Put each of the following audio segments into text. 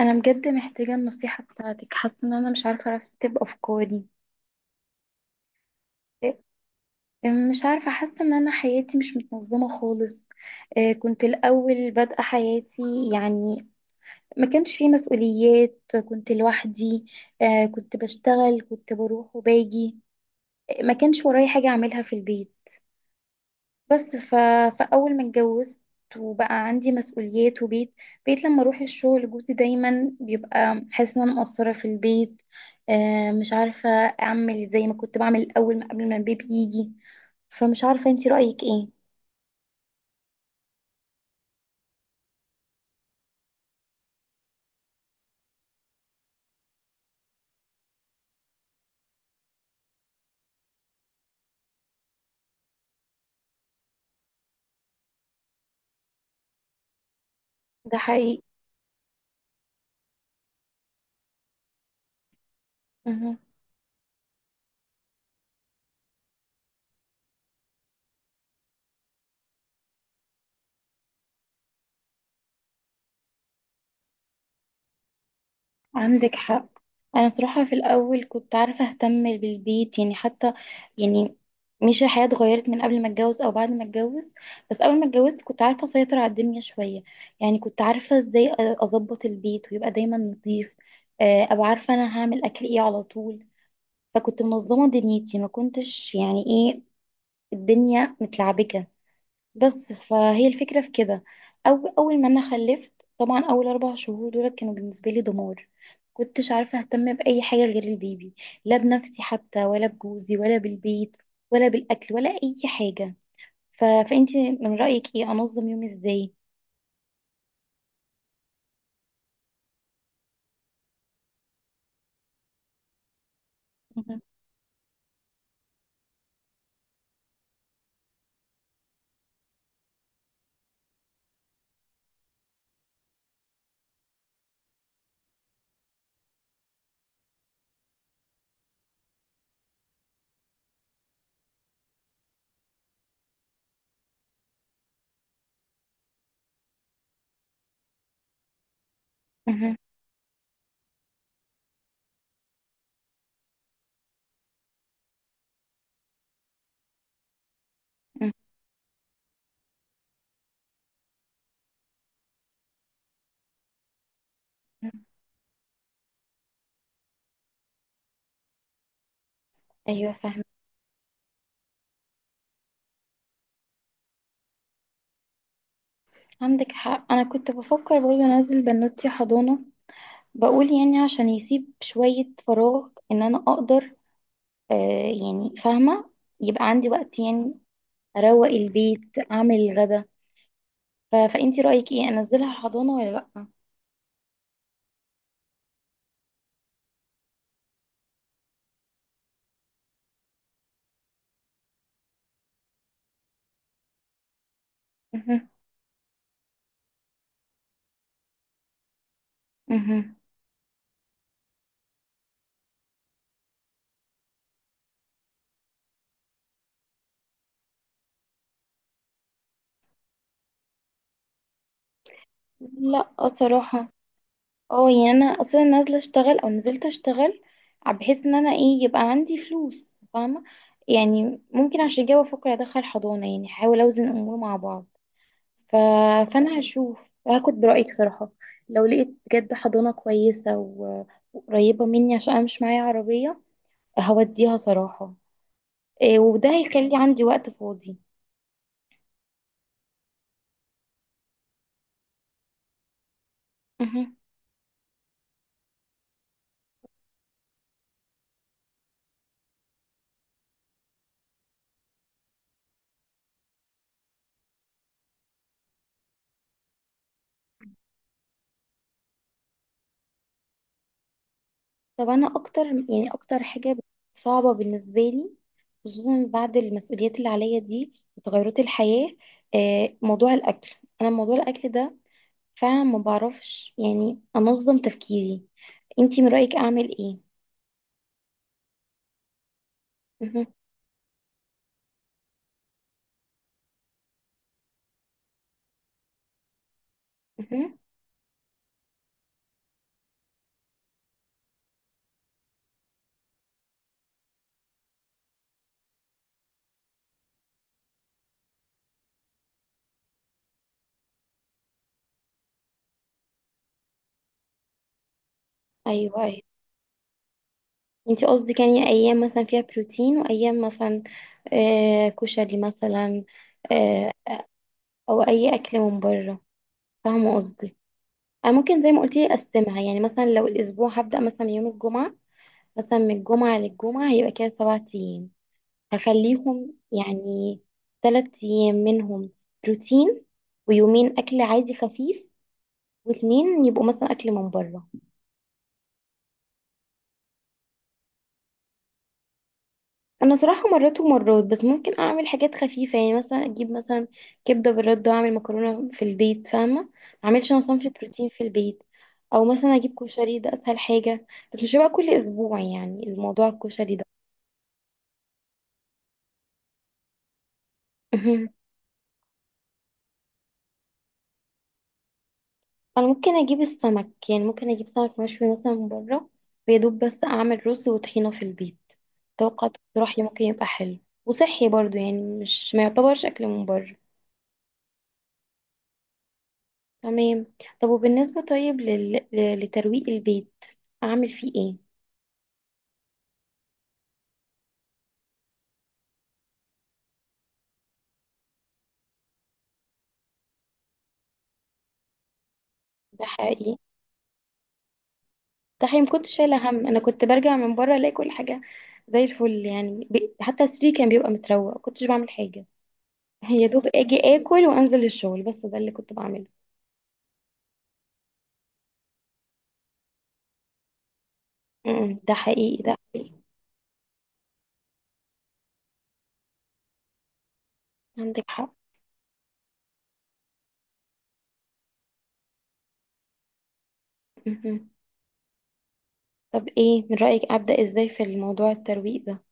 انا بجد محتاجه النصيحه بتاعتك، حاسه ان انا مش عارفه ارتب افكاري. إيه، مش عارفه، حاسه ان انا حياتي مش متنظمه خالص. كنت الاول بادئه حياتي يعني، ما كانش فيه مسؤوليات، كنت لوحدي. كنت بشتغل، كنت بروح وباجي. ما كانش ورايا حاجه اعملها في البيت. بس فأول ما اتجوزت وبقى عندي مسؤوليات وبيت، بقيت لما أروح الشغل جوزي دايما بيبقى حاسس إن أنا مقصرة في البيت. مش عارفة أعمل زي ما كنت بعمل الأول، قبل ما البيبي يجي. فمش عارفة انتي رأيك ايه؟ ده حقيقي. عندك حق. انا صراحة في الاول كنت عارفة اهتم بالبيت يعني، حتى يعني مش الحياة اتغيرت من قبل ما اتجوز او بعد ما اتجوز، بس اول ما اتجوزت كنت عارفة اسيطر على الدنيا شوية. يعني كنت عارفة ازاي اظبط البيت ويبقى دايما نظيف. ابقى عارفة انا هعمل اكل ايه على طول. فكنت منظمة دنيتي، ما كنتش يعني ايه، الدنيا متلعبكة. بس فهي الفكرة في كده. أو أول ما أنا خلفت طبعا، أول 4 شهور دول كانوا بالنسبة لي دمار. كنتش عارفة أهتم بأي حاجة غير البيبي، لا بنفسي حتى ولا بجوزي ولا بالبيت ولا بالأكل ولا أي حاجة. فأنتي من رأيك إيه أنظم يومي إزاي؟ مهم. مهم. مهم. أيوة فاهمة. عندك حق. أنا كنت بفكر برضه أنزل بنوتي حضانة، بقول يعني عشان يسيب شوية فراغ إن أنا أقدر، آه يعني فاهمة، يبقى عندي وقت يعني اروق البيت، اعمل الغدا. فانتي رايك ايه، انزلها حضانه ولا لا؟ مهم. مهم. لا، صراحه. اه يعني انا اصلا نازله اشتغل او نزلت اشتغل بحيث ان انا ايه يبقى عندي فلوس، فاهمه يعني؟ ممكن عشان كده بفكر ادخل حضانه، يعني احاول اوزن الامور مع بعض. ف... فانا هشوف، هاخد برايك صراحه. لو لقيت بجد حضانه كويسه وقريبه مني، عشان انا مش معايا عربيه، هوديها صراحه. وده هيخلي عندي وقت فاضي. مهم. طب، انا اكتر يعني اكتر حاجه صعبه بالنسبه لي، خصوصا بعد المسؤوليات اللي عليا دي وتغيرات الحياه، موضوع الاكل. انا موضوع الاكل ده فعلا ما بعرفش يعني انظم تفكيري. انتي من رايك اعمل ايه؟ مهم. مهم. ايوه، ايوه. انتي قصدك يعني ايام مثلا فيها بروتين، وايام مثلا كشري مثلا، آه، او اي اكل من بره، فاهمه قصدي. أنا ممكن زي ما قلت لي أقسمها. يعني مثلا لو الأسبوع هبدأ مثلا من يوم الجمعة، مثلا من الجمعة للجمعة هيبقى كده 7 أيام، هخليهم يعني 3 أيام منهم بروتين، ويومين أكل عادي خفيف، واتنين يبقوا مثلا أكل من بره. أنا صراحة مرات ومرات، بس ممكن أعمل حاجات خفيفة، يعني مثلا أجيب مثلا كبدة بالردة وأعمل مكرونة في البيت، فاهمة؟ معملش أنا صنف بروتين في البيت. أو مثلا أجيب كشري، ده أسهل حاجة، بس مش هيبقى كل أسبوع يعني الموضوع الكشري ده. انا ممكن اجيب السمك، يعني ممكن اجيب سمك مشوي مثلا من بره، ويا دوب بس اعمل رز وطحينه في البيت. اتوقع اقتراحي ممكن يبقى حلو، وصحي برضو، يعني مش، ما يعتبرش اكل من بره. تمام. طب وبالنسبه، طيب لترويق البيت، اعمل فيه ايه؟ ده حقيقي ده حقيقي، ما كنتش شايله هم، انا كنت برجع من بره الاقي كل حاجه زي الفل يعني، حتى السرير كان بيبقى متروق، ما كنتش بعمل حاجه. يا دوب اجي اكل وانزل الشغل، بس ده اللي كنت بعمله. م- م، ده حقيقي ده حقيقي. عندك حق. مهم. طب ايه من رأيك، أبدأ ازاي في الموضوع الترويق ده؟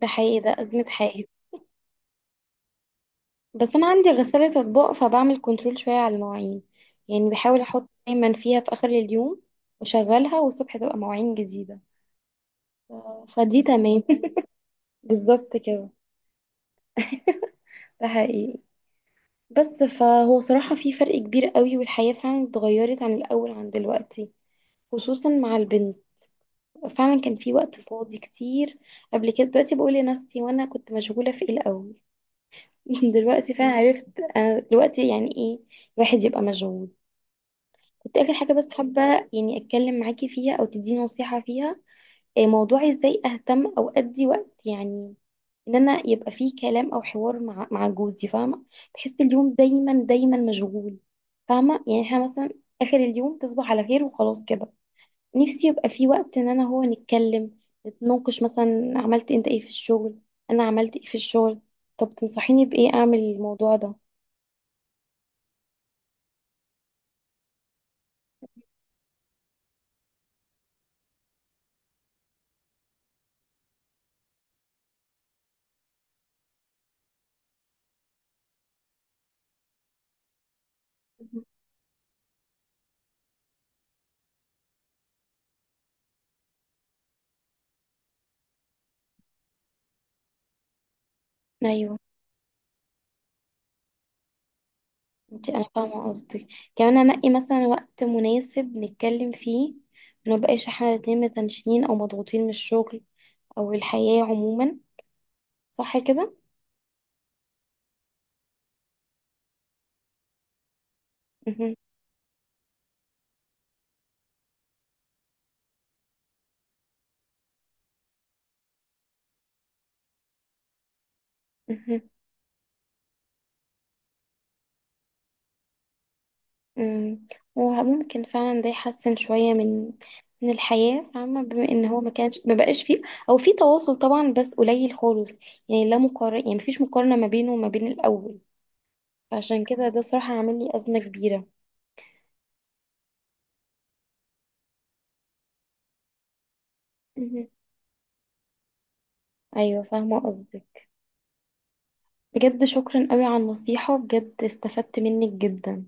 ده حقيقي، ده أزمة حائط. بس أنا عندي غسالة أطباق، فبعمل كنترول شوية على المواعين، يعني بحاول أحط دايما فيها في آخر اليوم وأشغلها، والصبح تبقى مواعين جديدة. ف- فدي تمام. بالظبط كده. ده حقيقي. بس فهو صراحة في فرق كبير قوي، والحياة فعلا اتغيرت عن الأول عن دلوقتي، خصوصا مع البنت. فعلا كان في وقت فاضي كتير قبل كده. دلوقتي بقول لنفسي، وانا كنت مشغولة في ايه الأول؟ دلوقتي فعلا عرفت انا دلوقتي يعني ايه الواحد يبقى مشغول. كنت اخر حاجه بس حابه يعني اتكلم معاكي فيها او تديني نصيحه فيها. إيه موضوع ازاي اهتم او ادي وقت يعني، ان انا يبقى فيه كلام او حوار مع جوزي، فاهمه؟ بحس اليوم دايما دايما مشغول، فاهمه يعني؟ احنا مثلا اخر اليوم تصبح على خير وخلاص كده. نفسي يبقى فيه وقت ان انا هو نتكلم، نتناقش، مثلا عملت انت ايه في الشغل، انا عملت ايه في الشغل. طب تنصحيني بايه اعمل الموضوع ده؟ ايوه. انت، انا فاهمه قصدك، كمان انقي مثلا وقت مناسب نتكلم فيه، ما نبقاش احنا الاتنين متنشنين او مضغوطين من الشغل او الحياه عموما. صح كده؟ مهم. مهم. مم. وممكن فعلا ده يحسن شويه من الحياه، فاهمه؟ بما ان هو ما كانش، ما بقاش فيه او في تواصل طبعا، بس قليل خالص، يعني لا مقارنه، يعني مفيش مقارنه ما بينه وما بين الاول. فعشان كده ده صراحه عامل لي ازمه كبيره. مهم. ايوه فاهمه قصدك. بجد شكرا قوي على النصيحة، بجد استفدت منك جدا.